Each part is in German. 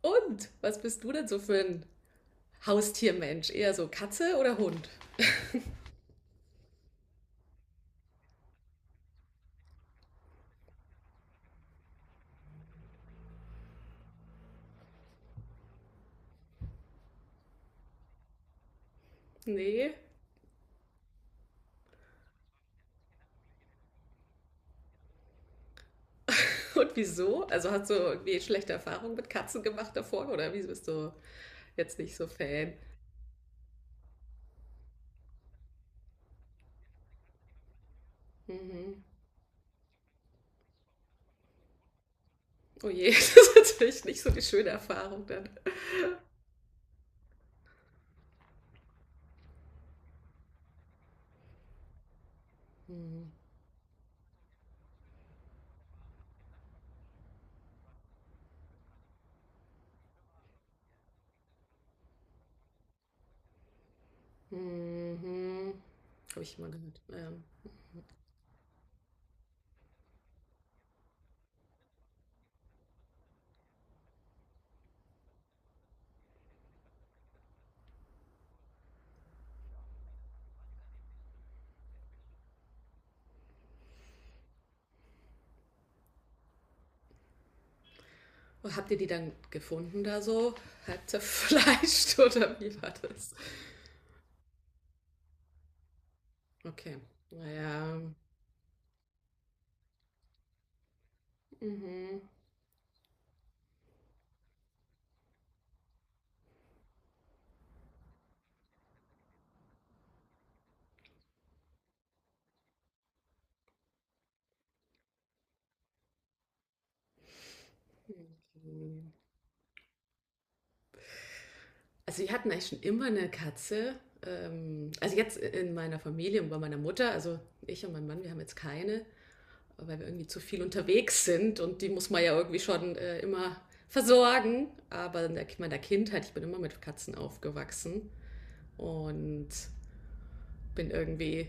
Und was bist du denn so für ein Haustiermensch? Eher so Katze oder Hund? Nee. Und wieso? Also hast du irgendwie schlechte Erfahrungen mit Katzen gemacht davor oder wieso bist du jetzt nicht so Fan? Mhm. Oh je, das ist natürlich nicht so die schöne Erfahrung dann. Mhm. Mhm. Habe ich mal gehört. Und habt ihr die dann gefunden da so? Halb zerfleischt oder wie war das? Okay. Naja. Mhm. Also wir hatten eigentlich schon immer eine Katze. Also jetzt in meiner Familie und bei meiner Mutter, also ich und mein Mann, wir haben jetzt keine, weil wir irgendwie zu viel unterwegs sind und die muss man ja irgendwie schon immer versorgen. Aber in meiner Kindheit, ich bin immer mit Katzen aufgewachsen und bin irgendwie.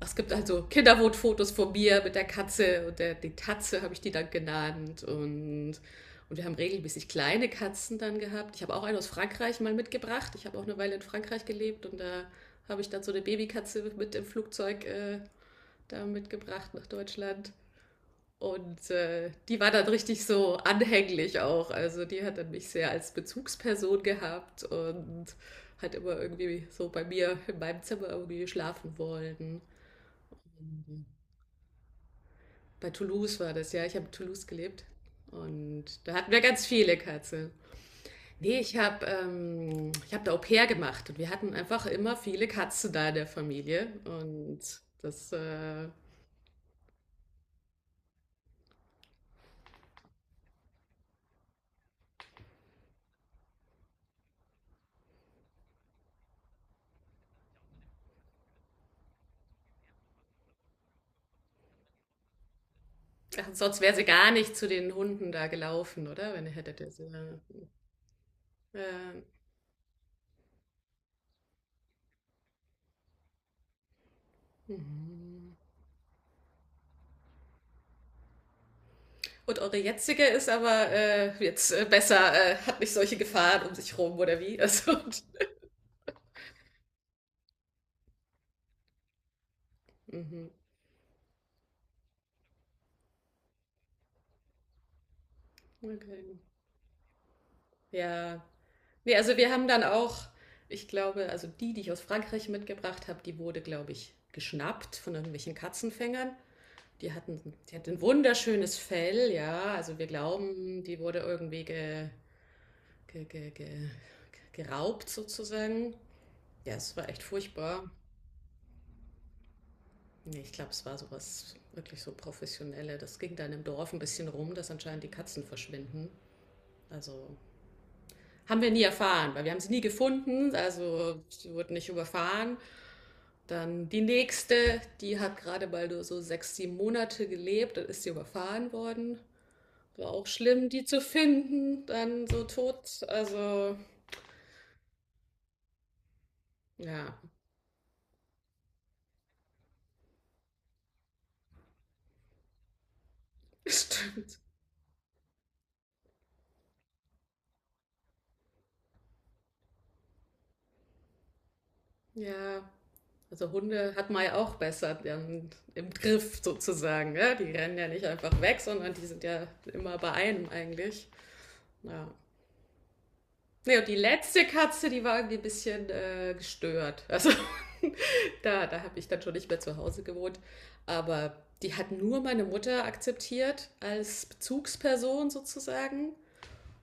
Es gibt also Kinderwotfotos von mir mit der Katze und der, die Tatze habe ich die dann genannt. Und wir haben regelmäßig kleine Katzen dann gehabt. Ich habe auch eine aus Frankreich mal mitgebracht. Ich habe auch eine Weile in Frankreich gelebt und da habe ich dann so eine Babykatze mit im Flugzeug da mitgebracht nach Deutschland. Und die war dann richtig so anhänglich auch. Also die hat dann mich sehr als Bezugsperson gehabt und hat immer irgendwie so bei mir in meinem Zimmer irgendwie schlafen wollen. Bei Toulouse war das, ja. Ich habe in Toulouse gelebt. Und da hatten wir ganz viele Katzen. Nee, ich habe ich hab da Au pair gemacht und wir hatten einfach immer viele Katzen da in der Familie. Und das, ja, sonst wäre sie gar nicht zu den Hunden da gelaufen, oder? Wenn ihr hättet ihr sie. Ähm, mhm. Und eure jetzige ist aber jetzt besser, hat nicht solche Gefahren um sich rum oder wie? Also, mhm. Okay. Ja. Nee, also wir haben dann auch, ich glaube, also die, die ich aus Frankreich mitgebracht habe, die wurde, glaube ich, geschnappt von irgendwelchen Katzenfängern. Die hatten, die hat ein wunderschönes Fell, ja. Also wir glauben, die wurde irgendwie ge, ge, ge, geraubt sozusagen. Ja, es war echt furchtbar. Nee, ich glaube, es war sowas wirklich so professionelle. Das ging dann im Dorf ein bisschen rum, dass anscheinend die Katzen verschwinden. Also haben wir nie erfahren, weil wir haben sie nie gefunden, also sie wurden nicht überfahren. Dann die nächste, die hat gerade mal nur so sechs, sieben Monate gelebt, dann ist sie überfahren worden. War auch schlimm, die zu finden, dann so tot. Also ja, stimmt. Ja, also Hunde hat man ja auch besser dann im Griff sozusagen. Ja? Die rennen ja nicht einfach weg, sondern die sind ja immer bei einem eigentlich. Ja. Nee, und die letzte Katze, die war irgendwie ein bisschen gestört. Also da, da habe ich dann schon nicht mehr zu Hause gewohnt. Aber die hat nur meine Mutter akzeptiert als Bezugsperson sozusagen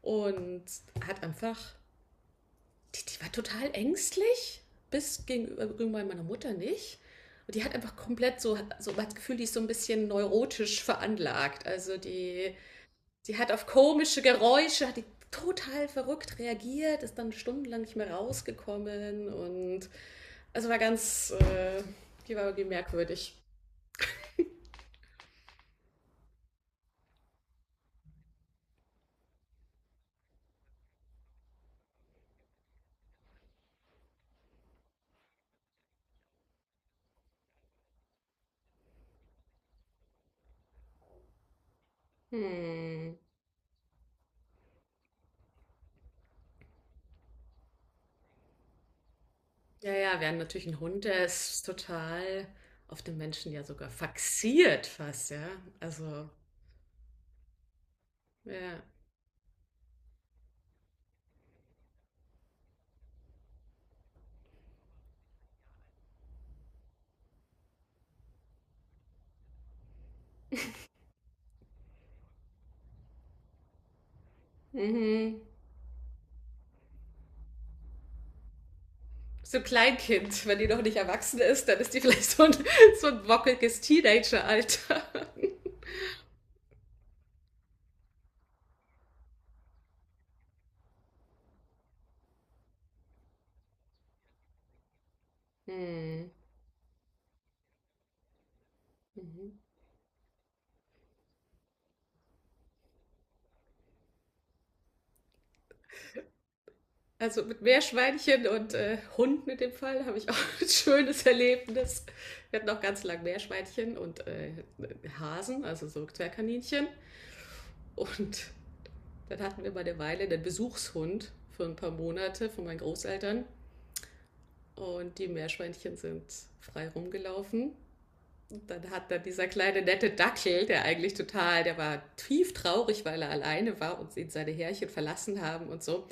und hat einfach die, die war total ängstlich, bis gegenüber meiner Mutter nicht. Und die hat einfach komplett so, so das Gefühl, die ist so ein bisschen neurotisch veranlagt. Also die, die hat auf komische Geräusche, hat die total verrückt reagiert, ist dann stundenlang nicht mehr rausgekommen und also war ganz, die war irgendwie merkwürdig. Hm. Ja, ja, während natürlich ein Hund, der ist total auf den Menschen ja sogar fixiert fast, ja. Also, ja. Mhm. So ein Kleinkind, wenn die noch nicht erwachsen ist, dann ist die vielleicht so ein wockeliges Teenager-Alter. Hm. Mhm. Also mit Meerschweinchen und Hunden in dem Fall habe ich auch ein schönes Erlebnis. Wir hatten auch ganz lang Meerschweinchen und Hasen, also so Zwergkaninchen. Und dann hatten wir mal eine Weile einen Besuchshund für ein paar Monate von meinen Großeltern. Und die Meerschweinchen sind frei rumgelaufen. Und dann hat dann dieser kleine nette Dackel, der eigentlich total, der war tief traurig, weil er alleine war und ihn seine Härchen verlassen haben und so,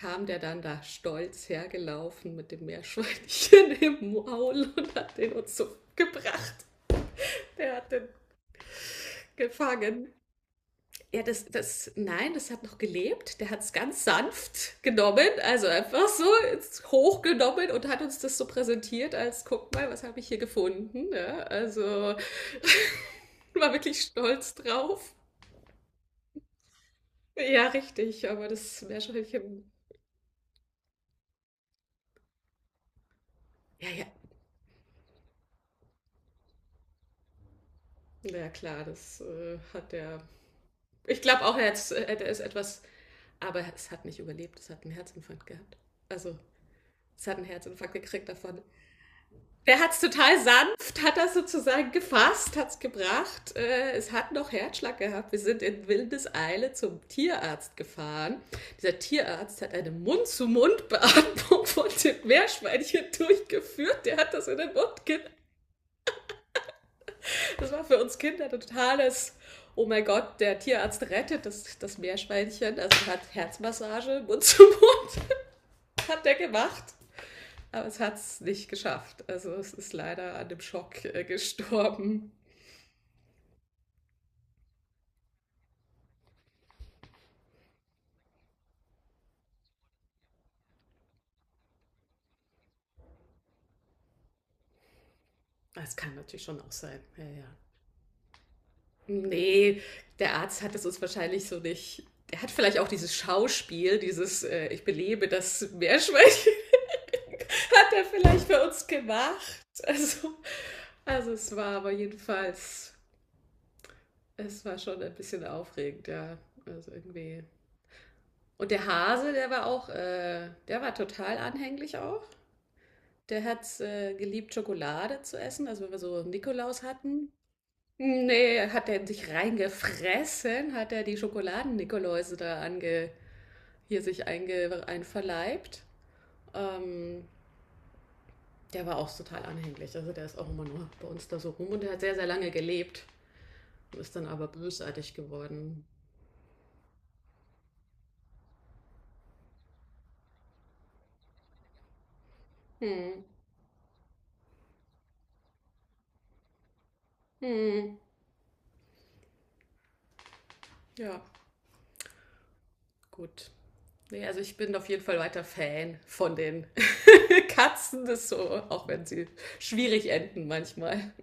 kam der dann da stolz hergelaufen mit dem Meerschweinchen im Maul und hat den uns so gebracht. Der hat den gefangen. Ja, das, das, nein, das hat noch gelebt. Der hat es ganz sanft genommen, also einfach so ins- hochgenommen und hat uns das so präsentiert, als guck mal, was habe ich hier gefunden. Ja, also war wirklich stolz drauf. Ja, richtig, aber das Meerschweinchen. Ja, ja, na ja, klar, das hat er. Ich glaube auch, er hätte es etwas. Aber es hat nicht überlebt, es hat einen Herzinfarkt gehabt. Also, es hat einen Herzinfarkt gekriegt davon. Der hat es total sanft, hat das sozusagen gefasst, hat es gebracht. Es hat noch Herzschlag gehabt. Wir sind in Wildeseile zum Tierarzt gefahren. Dieser Tierarzt hat eine Mund-zu-Mund-Beatmung von dem Meerschweinchen durchgeführt. Der hat das in den Mund genommen. Das war für uns Kinder ein totales, oh mein Gott, der Tierarzt rettet das, das Meerschweinchen. Also hat Herzmassage, Mund zu Mund, hat der gemacht. Aber es hat es nicht geschafft. Also es ist leider an dem Schock gestorben. Das kann natürlich schon auch sein. Ja, ja. Nee, der Arzt hat es uns wahrscheinlich so nicht. Er hat vielleicht auch dieses Schauspiel, dieses Ich belebe das Meerschweinchen, hat er vielleicht für uns gemacht. Also es war aber jedenfalls, es war schon ein bisschen aufregend, ja. Also irgendwie. Und der Hase, der war auch, der war total anhänglich auch. Der hat es geliebt, Schokolade zu essen. Also wenn wir so Nikolaus hatten. Nee, hat er sich reingefressen, hat er die Schokoladen-Nikoläuse da ange, hier sich einge, einverleibt. Ähm, der war auch total anhänglich. Also der ist auch immer nur bei uns da so rum und der hat sehr, sehr lange gelebt und ist dann aber bösartig geworden. Hm. Hm. Ja. Gut. Nee, also ich bin auf jeden Fall weiter Fan von den Katzen, das so, auch wenn sie schwierig enden manchmal.